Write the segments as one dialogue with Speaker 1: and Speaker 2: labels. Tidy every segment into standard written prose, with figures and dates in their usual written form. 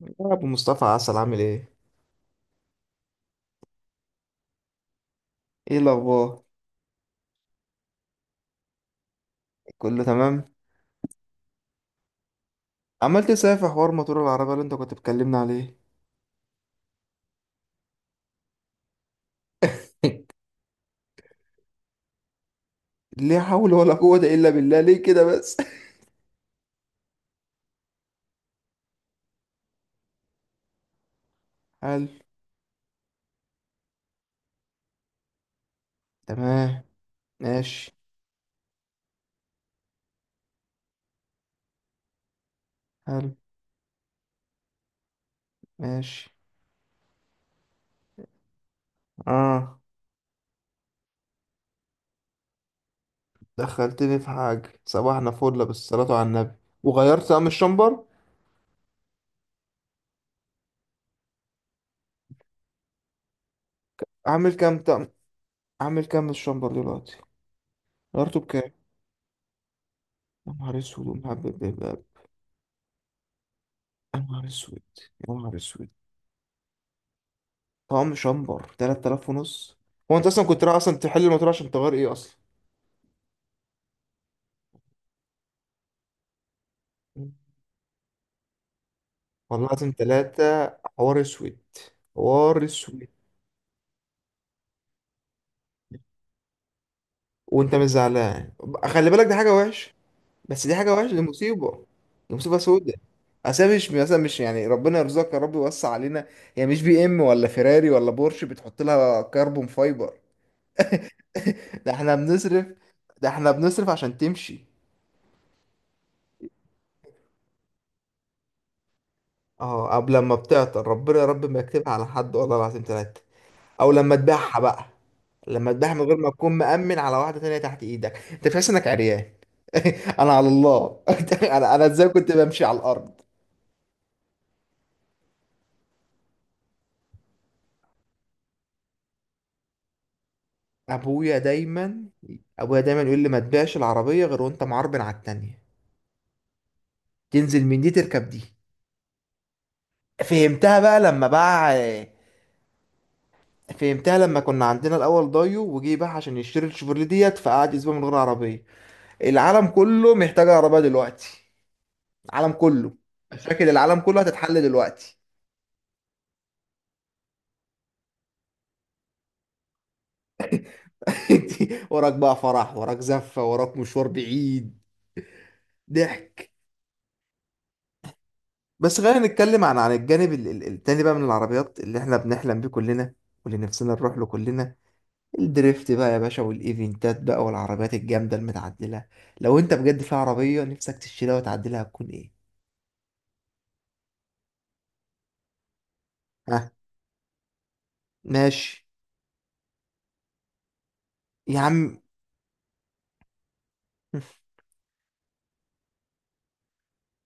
Speaker 1: يا ابو مصطفى عسل، عامل ايه؟ ايه الاخبار؟ كله تمام. عمال تسافر في حوار موتور العربيه اللي انت كنت بتكلمنا عليه. ليه؟ حول ولا قوه الا بالله، ليه كده بس؟ حلو. تمام. ماشي. حلو. ماشي. اه، دخلتني في حاجه، صباحنا فل بالصلاه على النبي. وغيرت طقم الشمبر؟ عامل كام طقم؟ عامل كام الشمبر دلوقتي؟ غيرته بكام؟ يا نهار اسود يا نهار أبيض، يا نهار اسود، يا نهار اسود. طعم شمبر 3,000 ونص؟ هو انت اصلا كنت رايح اصلا تحل الموضوع عشان تغير ايه اصلا؟ والله لازم ثلاثة. حوار اسود. حوار اسود. وانت مش زعلان؟ خلي بالك دي حاجة وحشة. بس دي حاجة وحشة، دي مصيبة. دي مصيبة سودة. أصل مش مثلا، مش يعني، ربنا يرزقك يا رب، يوسع علينا. هي مش بي ام ولا فيراري ولا بورش بتحط لها كربون فايبر. ده احنا بنصرف، ده احنا بنصرف عشان تمشي. اه، قبل ما بتعطل ربنا يا رب ما يكتبها على حد، والله العظيم ثلاثة. او لما تبيعها بقى. لما تبيعها من غير ما تكون مأمن على واحدة تانية تحت ايدك، انت تحس انك عريان. انا على الله. انا ازاي كنت بمشي على الارض؟ ابويا دايما، ابويا دايما يقول لي ما تبيعش العربية غير وانت معربن على التانية. تنزل من دي تركب دي. فهمتها بقى لما باع. فهمتها لما كنا عندنا الاول دايو وجي، باع عشان يشتري الشيفروليه ديت، فقعد اسبوع من غير عربية. العالم كله محتاج عربية دلوقتي. العالم كله. مشاكل العالم كله هتتحل دلوقتي. وراك بقى فرح، وراك زفة، وراك مشوار بعيد. ضحك. بس خلينا نتكلم عن الجانب التاني بقى من العربيات اللي احنا بنحلم بيه كلنا، واللي نفسنا نروح له كلنا. الدريفت بقى يا باشا، والايفنتات بقى، والعربيات الجامدة المتعدلة. لو انت بجد في عربية نفسك تشتريها وتعدلها، هتكون ايه؟ ها. ماشي. يا عم.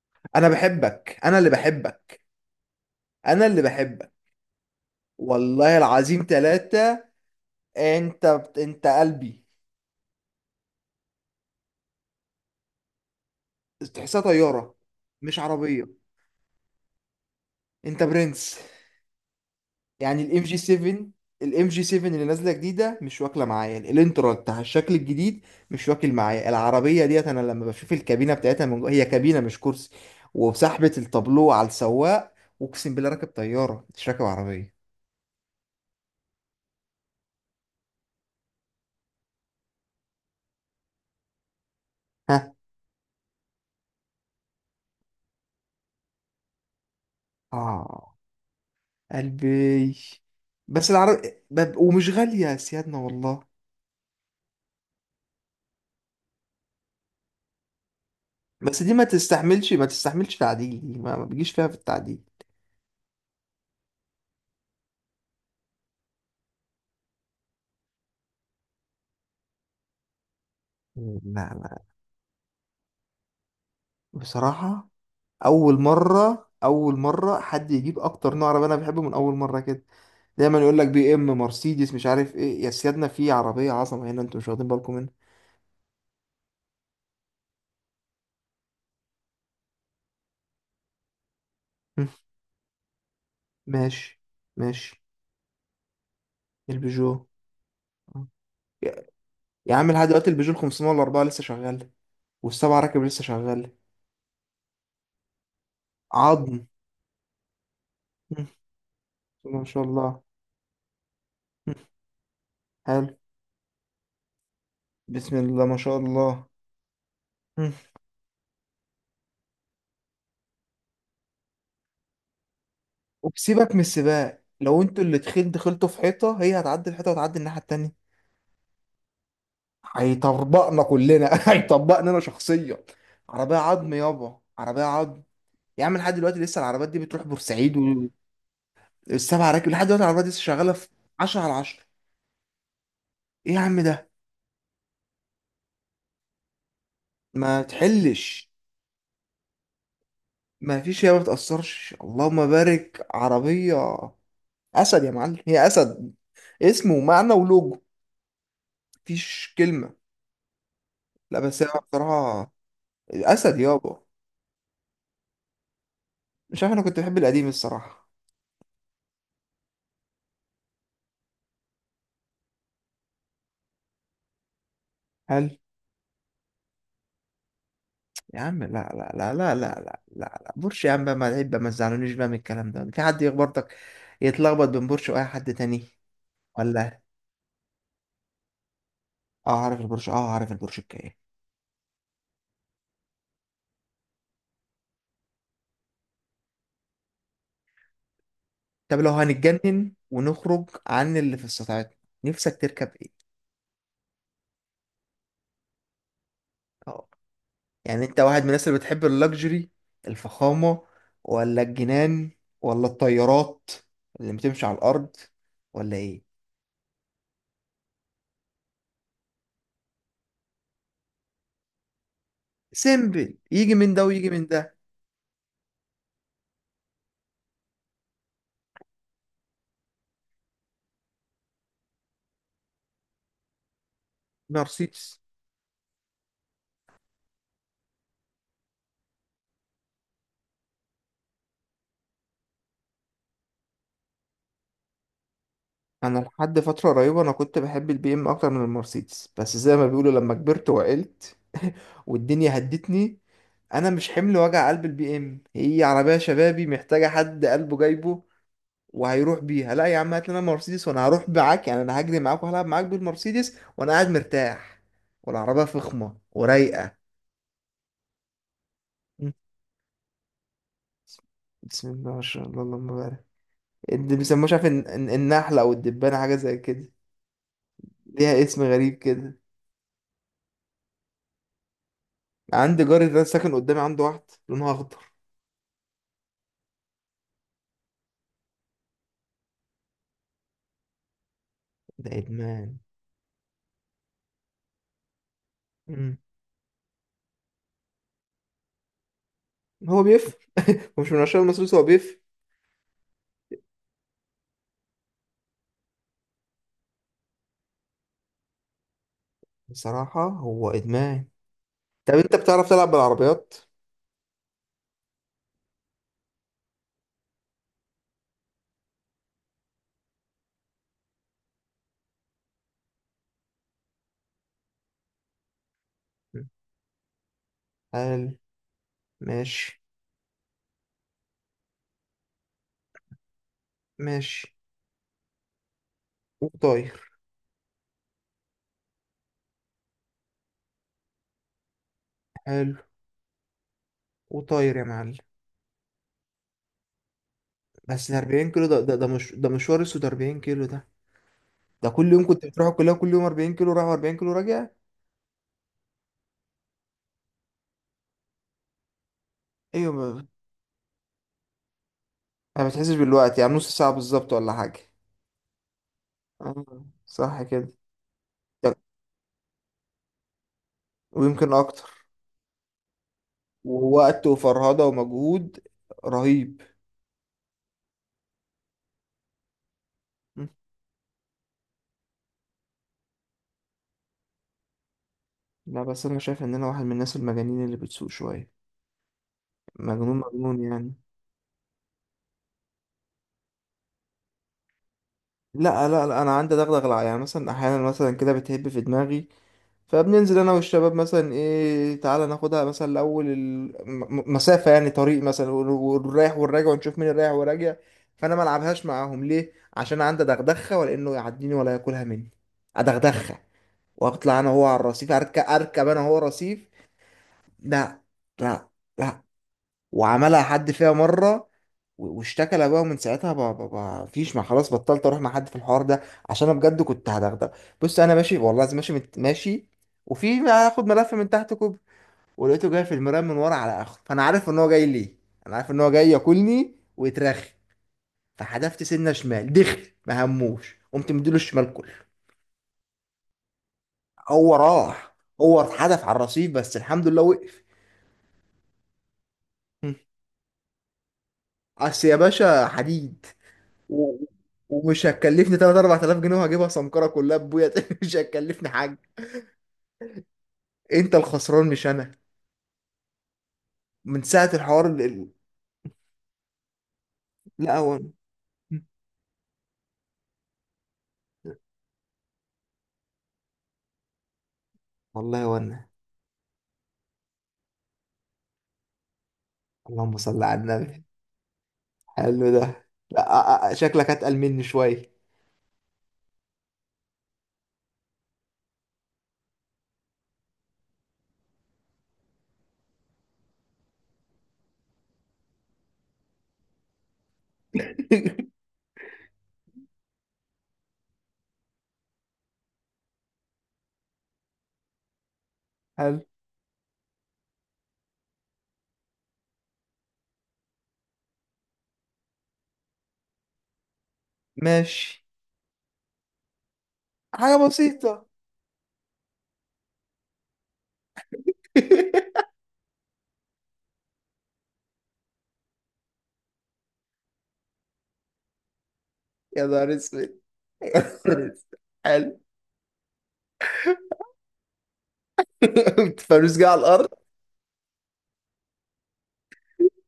Speaker 1: انا بحبك، انا اللي بحبك. انا اللي بحبك. والله العظيم ثلاثة. انت، انت قلبي. تحسها طيارة، مش عربية. انت برنس. يعني الام جي 7، الام جي 7 اللي نازله جديده مش واكله معايا الانترا بتاع الشكل الجديد. مش واكل معايا العربيه ديت. انا لما بشوف الكابينه بتاعتها من جوه، هي كابينه مش كرسي. وسحبه التابلو على السواق. اقسم بالله راكب طياره مش راكب عربيه. ها. اه. قلبي. بس العرب، ومش غاليه يا سيادنا والله. بس دي ما تستحملش، ما تستحملش تعديل. دي ما بيجيش فيها في التعديل. لا. لا. بصراحه. اول مره، اول مره حد يجيب اكتر نوع عربيه انا بحبه من اول مره كده. دايما يقول لك بي ام، مرسيدس، مش عارف ايه، يا سيادنا في عربيه عظمه هنا انتوا مش واخدين بالكم منها. هم، ماشي. ماشي. البيجو. آه. يا يا عم لحد دلوقتي البيجو ال 504 لسه شغال. والسبعه راكب لسه شغال. عظم. هم، ما شاء الله. هم، حلو. بسم الله ما شاء الله. هم. وبسيبك من السباق، لو انتوا اللي دخلتوا، دخلتوا في حيطه هي هتعدي الحيطه وتعدي الناحيه التانيه. هيطبقنا كلنا. هيطبقنا انا شخصيا. عربيه عظم يابا، عربيه عظم. يا عم لحد دلوقتي لسه العربيات دي بتروح بورسعيد. والسبع راكب لحد دلوقتي العربيات دي لسه شغاله في 10 على 10. ايه يا عم ده؟ ما تحلش. ما فيش، هي ما بتاثرش اللهم بارك. عربيه اسد يا معلم، هي اسد. اسم ومعنى ولوجو. مفيش كلمه. لا بس هي بصراحه. اسد يابا. مش عارف، انا كنت بحب القديم الصراحه. هل، يا عم لا بورش يا عم بقى ما عيب بقى، ما تزعلونيش بقى من الكلام ده. في حد يخبطك يتلخبط بين بورش واي حد تاني؟ ولا. اه عارف البورش، اه عارف البورش الكاية. طب لو هنتجنن ونخرج عن اللي في استطاعتنا، نفسك تركب ايه؟ اه. يعني انت واحد من الناس اللي بتحب اللكجري، الفخامة، ولا الجنان، ولا الطيارات اللي بتمشي على الارض، ولا ايه؟ سيمبل يجي من ده ويجي من ده. مرسيدس. انا لحد فتره قريبه انا كنت بحب البي ام اكتر من المرسيدس، بس زي ما بيقولوا لما كبرت وعقلت. والدنيا هدتني. انا مش حمل وجع قلب البي ام، هي عربيه شبابي محتاجه حد قلبه جايبه وهيروح بيها. لا يا عم هات لنا مرسيدس وانا هروح معاك، يعني انا هجري معاك وهلعب معاك بالمرسيدس وانا قاعد مرتاح. والعربيه فخمه ورايقه. مم. بسم الله ما شاء الله اللهم بارك. اللي بيسموه مش عارف، النحله او الدبانه حاجه زي كده. ليها اسم غريب كده. عندي جاري ده ساكن قدامي عنده واحد. لونها اخضر. ده ادمان. مم. هو بيفهم. هو مش من عشان المصروف، هو بيفهم. بصراحة هو ادمان. طب انت بتعرف تلعب بالعربيات؟ مم. حلو. ماشي. ماشي. وطاير. حلو. وطاير يا معلم. بس ده 40 كيلو، ده ده مش ده مشوار اسود، 40 كيلو ده. ده كل يوم كنت بتروح الكلية، كل يوم 40 كيلو رايح 40 كيلو راجع. ايوه، ما بتحسش بالوقت يعني، نص ساعة بالظبط ولا حاجة. آه، صح كده. طب، ويمكن اكتر. ووقت وفرهدة ومجهود. رهيب. م. لا بس أنا شايف إن أنا واحد من الناس المجانين اللي بتسوق شوية. مجنون مجنون يعني. لا أنا عندي دغدغة، يعني مثلا أحيانا مثلا كده بتهب في دماغي. فبننزل أنا والشباب مثلا، إيه تعالى ناخدها مثلا لأول المسافة، يعني طريق مثلا والرايح والراجع ونشوف مين الرايح والراجع. فأنا ما ألعبهاش معاهم ليه؟ عشان عندي دغدغة، ولأنه يعديني ولا ياكلها مني. أدغدغها، وأطلع أنا هو على الرصيف، أركب أركب أنا هو رصيف. لا لا لا وعملها حد فيها مرة، واشتكى لابوها. من ساعتها ما فيش، ما خلاص، بطلت اروح مع حد في الحوار ده، عشان انا بجد كنت هدغدغ. بص انا ماشي والله لازم ماشي ماشي، وفي هاخد ملف من تحت كوب. ولقيته جاي في المرايه من ورا على اخره، فانا عارف ان هو جاي ليه. انا عارف ان هو جاي ياكلني ويترخي. فحدفت سنه شمال، دخل ما هموش، قمت مديله الشمال كله. هو راح. هو اتحدف على الرصيف بس الحمد لله وقف. اصل يا باشا حديد. و- ومش هتكلفني 3 4,000 جنيه وهجيبها سمكرة كلها ببويا. تاني مش هتكلفني حاجة. انت الخسران مش انا. من ساعة الحوار لا هو أنا. والله وانا. اللهم صل على النبي. حلو ده. لا آه، آه، شكلك اتقل مني شوية. حلو. ماشي. حاجة بسيطة. يا نهار اسود. يا نهار أسود. حلو. فلوس جايه على الارض.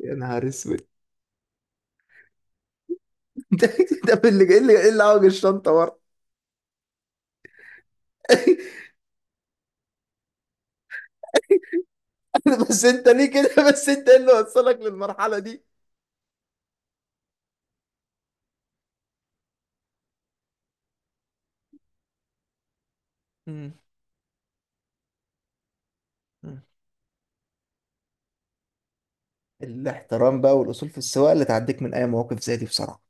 Speaker 1: يا نهار اسود. ده اللي ايه، اللي إيه اللي عوج الشنطه ورا؟ بس انت ليه كده؟ بس انت ايه اللي وصلك للمرحلة دي؟ مم. مم. الاحترام بقى والاصول في السواقه اللي تعديك من اي مواقف زي دي بصراحه.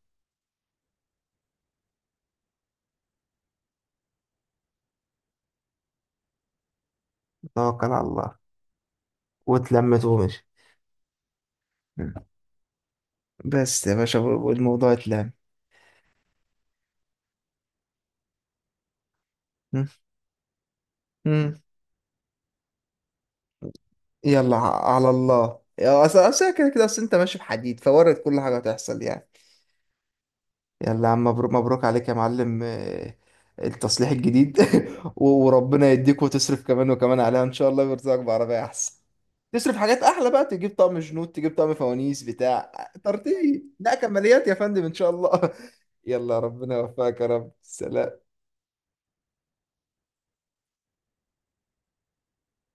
Speaker 1: توكل على الله. واتلمت ومشي. مم. بس يا باشا والموضوع اتلم. مم. مم. يلا على الله يا اصل، أصل كده كده، اصل انت ماشي في حديد فوارد، كل حاجه هتحصل يعني. يلا يا عم مبروك، مبروك عليك يا معلم. آه، التصليح الجديد. وربنا يديك وتصرف كمان وكمان عليها ان شاء الله، ويرزقك بعربية احسن. تصرف حاجات احلى بقى، تجيب طقم جنود، تجيب طقم فوانيس بتاع. ترتيب، لا كماليات يا فندم ان شاء الله. يلا ربنا يوفقك يا رب، سلام.